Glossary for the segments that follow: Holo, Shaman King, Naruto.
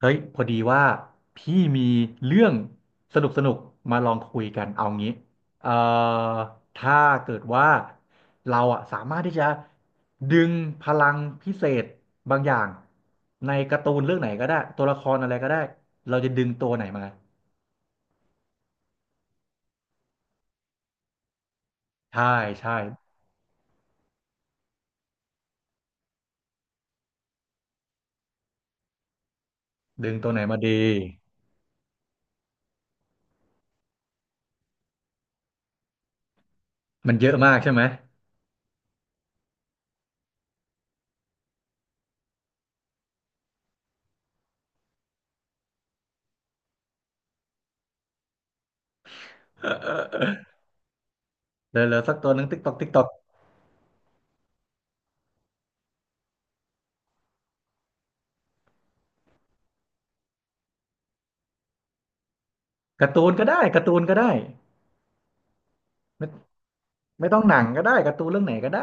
เฮ้ยพอดีว่าพี่มีเรื่องสนุกสนุกมาลองคุยกันเอางี้เอ่อถ้าเกิดว่าเราอะสามารถที่จะดึงพลังพิเศษบางอย่างในการ์ตูนเรื่องไหนก็ได้ตัวละครอะไรก็ได้เราจะดึงตัวไหนมาใช่ใช่ดึงตัวไหนมาดีมันเยอะมากใช่ไหม เหลือเหลือสักตัวหนึ่งติ๊กตอกติ๊กตอกการ์ตูนก็ได้การ์ตูนก็ได้ไม่ไม่ต้องหนังก็ได้การ์ตูนเรื่องไหนก็ได้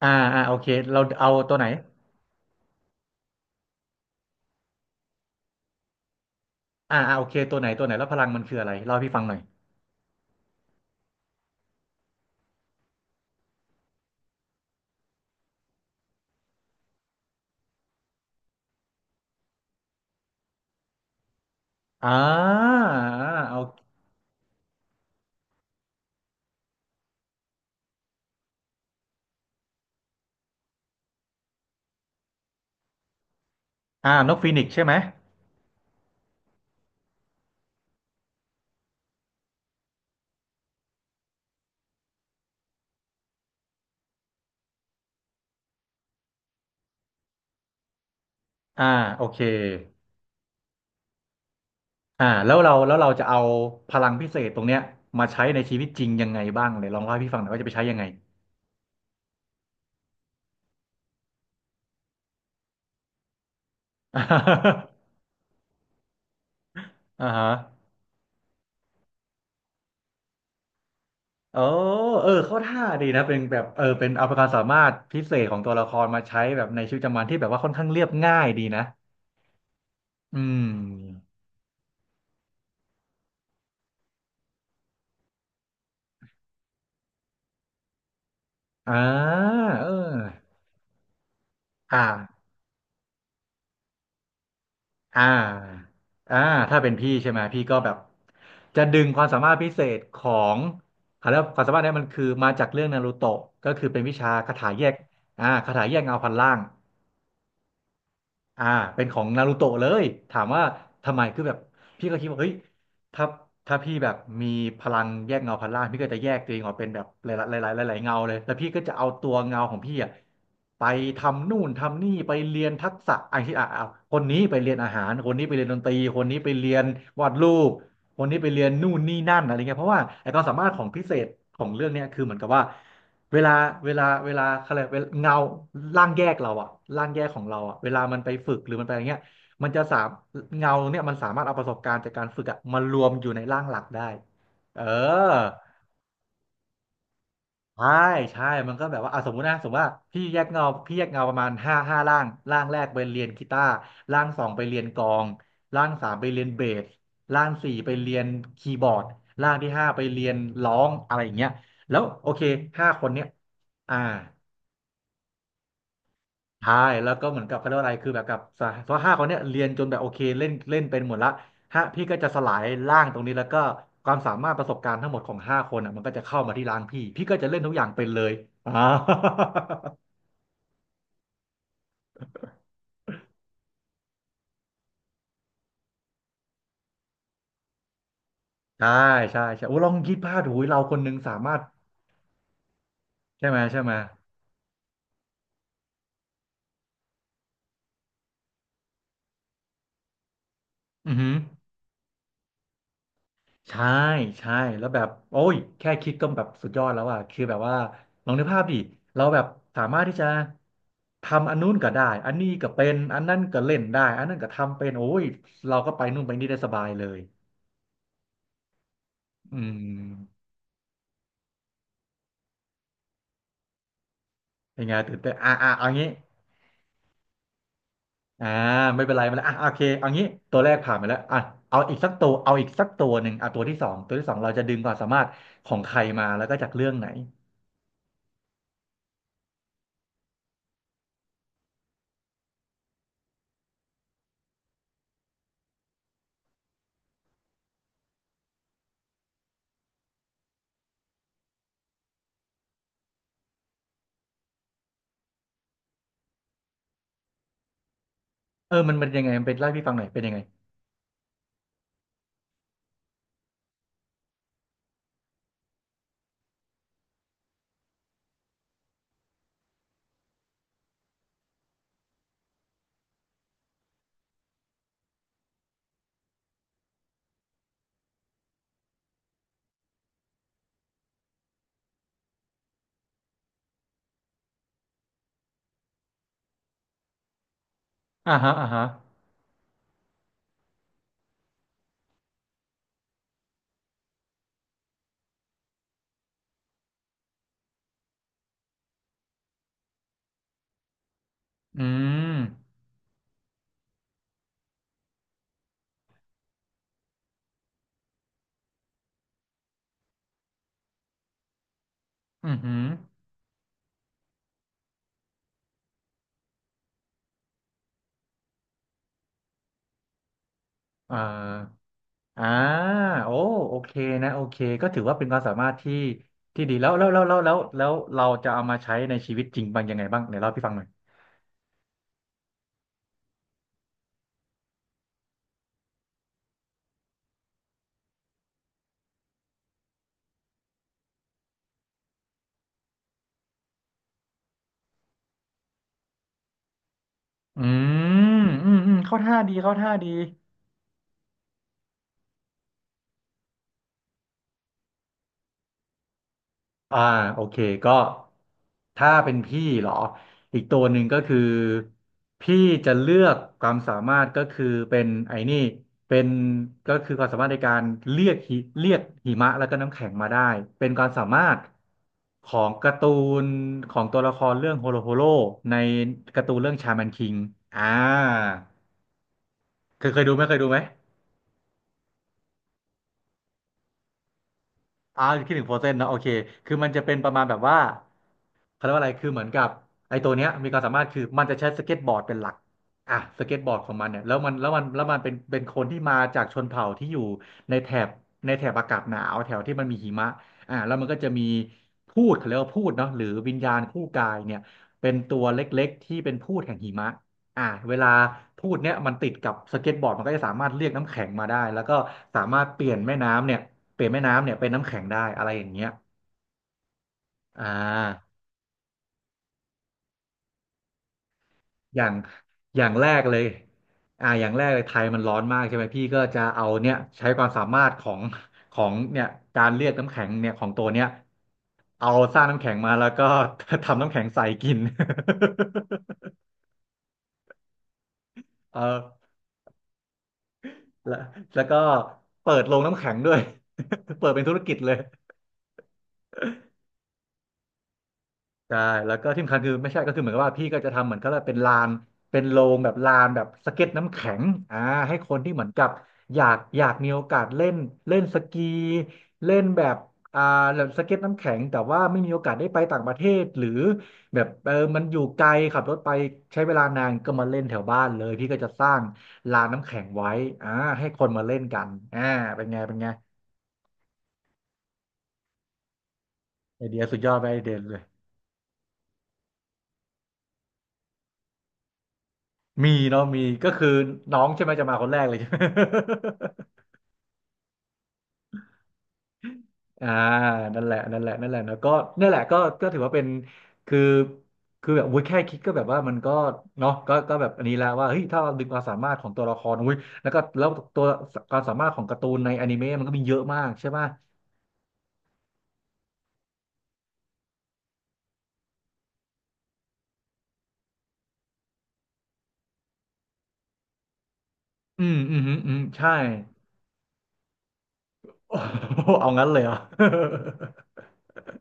อ่าอ่าโอเคเราเอาตัวไหนอ่าอ่าโอเคตัวไหนตัวไหนแล้วพลังมันคืออะไรเล่าให้พี่ฟังหน่อยอ่าอ่าเอาอ่านกฟีนิกซ์ใช่ไหมอ่าโอเคอ่าแล้วเราแล้วเราจะเอาพลังพิเศษตรงเนี้ยมาใช้ในชีวิตจริงยังไงบ้างเลยลองเล่าให้พี่ฟังหน่อยว่าจะไปใช้ยังไง อ่าฮะโอ้เออเข้าท่าดีนะเป็นแบบเออเป็นเอาความสามารถพิเศษของตัวละครมาใช้แบบในชีวิตประจำวันที่แบบว่าค่อนข้างเรียบง่ายดีนะอืมอ่าเอออ่า อ่าอ่าถ้าเป็นพี่ใช่ไหมพี่ก็แบบจะดึงความสามารถพิเศษของเขาเรียกว่าความสามารถเนี้มันคือมาจากเรื่องนารูโตะก็คือเป็นวิชาคาถาแยกอ่าคาถาแยกเงาพันล่าง อ่าเป็นของนารูโตะเลยถามว่าทำไมคือแบบพี่ก็คิดว่าเฮ้ยถ้าถ้าพี่แบบมีพลังแยกเงาพันล่างพี่ก็จะแยกตัวเองออกเป็นแบบหลายๆหลายๆหลายๆเงาเลยแล้วพี่ก็จะเอาตัวเงาของพี่อ่ะไปทำนู่นทำนี่ไปเรียนทักษะไอ้ที่อ่ะอ่ะคนนี้ไปเรียนอาหารคนนี้ไปเรียนดนตรีคนนี้ไปเรียนวาดรูปคนนี้ไปเรียนนู่นนี่นั่นอะไรเงี้ยเพราะว่าไอ้ความสามารถของพิเศษของเรื่องเนี้ยคือเหมือนกับว่า เวลาเวลาเวลาเขาเรียกเวลาเงาร่างแยกเราอะร่างแยกของเราอะเวลามันไปฝึกหรือมันไปอะไรเงี้ยมันจะสามเงาเนี่ยมันสามารถเอาประสบการณ์จากการฝึกอะมารวมอยู่ในร่างหลักได้เออใช่ใช่มันก็แบบว่าอ่ะสมมตินะสมมติว่าพี่แยกเงาพี่แยกเงาประมาณห้าห้าร่างร่างแรกไปเรียนกีตาร์ร่างสองไปเรียนกลองร่างสามไปเรียนเบสร่างสี่ไปเรียนคีย์บอร์ดร่างที่ห้าไปเรียนร้องอะไรอย่างเงี้ยแล้วโอเคห้าคนเนี้ยอ่า ใช่แล้วก็เหมือนกับเขาเรียกว่าอะไรคือแบบกับสหเพราะห้าคนเนี้ยเรียนจนแบบโอเคเล่นเล่นเป็นหมดละฮะพี่ก็จะสลายร่างตรงนี้แล้วก็ความสามารถประสบการณ์ทั้งหมดของห้าคนอ่ะมันก็จะเข้ามาที่ร่างพี่พี่ก็จะเล่นทุกอย่างเป็นเลยอ่า ใช่ใช่ใช่โอ้ลองคิดภาพดูอุ๊ยเราคนหนึงสามารถใช่ไหมใช่ไหมอือหือ ใช่ใช่แล้วแบบโอ้ยแค่คิดก็แบบสุดยอดแล้วอ่ะคือแบบว่าลองนึกภาพดิเราแบบสามารถที่จะทำอันนู้นก็ได้อันนี้ก็เป็นอันนั้นก็เล่นได้อันนั้นก็ทำเป็นโอ้ยเราก็ไปนู่นไปนี่ได้สบายเลยอืมเป็นไงตื่นเต้นอ่ะอ่ะเอางี้อ่าไม่เป็นไรไม่เป็นไรอ่ะโอเคเอางี้ตัวแรกผ่านไปแล้วอ่ะเอาอีกสักตัวเอาอีกสักตัวหนึ่งอ่ะตัวที่สองตัวที่สองเราจะดึงความสามารถของใครมาแล้วก็จากเรื่องไหนเออมันเป็นยังไงมันเป็นเล่าให้พี่ฟังหน่อยเป็นยังไงอ่าฮะอ่าฮะอืม อือหือเอ่ออ่าโอ้โอเคนะโอเค ก็ถือว่าเป็นความสามารถที่ที่ดีแล้วแล้วแล้วแล้วแล้วแล้วเราจะเอามาใช้ในชีวิตจริงบ้างยังไงบ้างไหนเล่าให้พี่ฟังหน่อยอืมอืมอืมเข้าท่าดีเข้าท่าดี อ่าโอเคก็ถ้าเป็นพี่เหรออีกตัวหนึ่งก็คือพี่จะเลือกความสามารถก็คือเป็นไอ้นี่เป็นก็คือความสามารถในการเรียกหิเรียกหิมะแล้วก็น้ำแข็งมาได้เป็นความสามารถของการ์ตูนของตัวละครเรื่องโฮโลโฮโลในการ์ตูนเรื่องชาแมนคิงอ่าเคยดูไหมเคยดูไหม อ่าคิดถึงโฟเซนเนาะโอเค คือมันจะเป็นประมาณแบบว่าเขาเรียกว่าอะไรคือเหมือนกับไอ้ตัวเนี้ยมีความสามารถคือมันจะใช้สเก็ตบอร์ดเป็นหลักอ่ะสเก็ตบอร์ดของมันเนี่ยแล้วมันเป็นคนที่มาจากชนเผ่าที่อยู่ในแถบในแถบอากาศหนาวแถวที่มันมีหิมะแล้วมันก็จะมีพูดเขาเรียกว่าพูดเนาะหรือวิญญาณคู่กายเนี่ยเป็นตัวเล็กๆ ที่เป็นพูดแห่งหิมะอ่าเวลาพูดเนี่ยมันติดกับสเก็ตบอร์ดมันก็จะสามารถเรียกน้ำแข็งมาได้แล้วก็สามารถเปลี่ยนแม่น้ำเนี่ย เปลี่ยนแม่น้ำเนี่ยเป็นน้ำแข็งได้อะไรอย่างเงี้ยอ่าอย่างอย่างแรกเลยอย่างแรกเลยไทยมันร้อนมากใช่ไหมพี่ก็จะเอาเนี่ยใช้ความสามารถของของเนี่ยการเรียกน้ำแข็งเนี่ยของตัวเนี้ยเอาสร้างน้ำแข็งมาแล้วก็ ทำน้ำแข็งใส่กิน เออแล้วแล้วก็เปิดโรงน้ำแข็งด้วย เปิดเป็นธุรกิจเลย ใช่แล้วก็ที่สำคัญคือไม่ใช่ก็คือเหมือนกับว่าพี่ก็จะทำเหมือนก็เป็นลานเป็นโรงแบบลานแบบสเก็ตน้ำแข็งอ่าให้คนที่เหมือนกับอยากมีโอกาสเล่นเล่นสกีเล่นแบบอ่าแบบสเก็ตน้ำแข็งแต่ว่าไม่มีโอกาสได้ไปต่างประเทศหรือแบบเออมันอยู่ไกลขับรถไปใช้เวลานานก็มาเล่นแถวบ้านเลยพี่ก็จะสร้างลานน้ำแข็งไว้อ่าให้คนมาเล่นกันอ่าเป็นไงเป็นไงไอเดียสุดยอดไปไอเดียเลย มีเนาะมีก็คือน้องใช่ไหมจะมาคนแรกเลย ใช่ไหม อ่านั่นแหละนั่นแหละนั่นแหละเนอะก็นั่นแหละก็ก็ถือว่าเป็นคือคือแบบอุ้ยแค่คิดก็แบบว่ามันก็เนาะก็ก็แบบอันนี้แล้วว่าเฮ้ยถ้าเราดึงความสามารถของตัวละครอุ้ยแล้วก็แล้วตัวความสามารถของการ์ตูนในอนิเมะมันก็มีเยอะมากใช่ป่ะอืมใช่ โอ้โหเอางั้นเลยเหรอ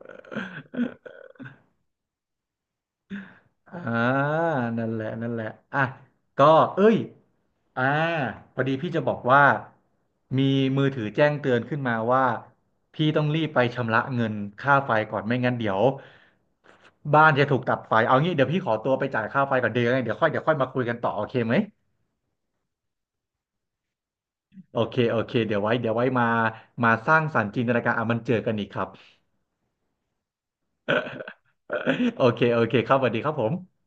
อ่านั่นแหละนั่นแหละอ่ะก็เอ้ยอ่าพอดีพี่จะบอกว่ามีมือถือแจ้งเตือนขึ้นมาว่าพี่ต้องรีบไปชำระเงินค่าไฟก่อนไม่งั้นเดี๋ยวบ้านจะถูกตัดไฟเอางี้เดี๋ยวพี่ขอตัวไปจ่ายค่าไฟก่อนเดี๋ยวยังไงเดี๋ยวค่อยมาคุยกันต่อโอเคไหมโอเคโอเคเดี๋ยวไว้เดี๋ยวไว้มามาสร้างสรรค์จินตนาการอ่ะมันเจอกันอีกครับ โอเคโอเคครับสวัสดีครับผม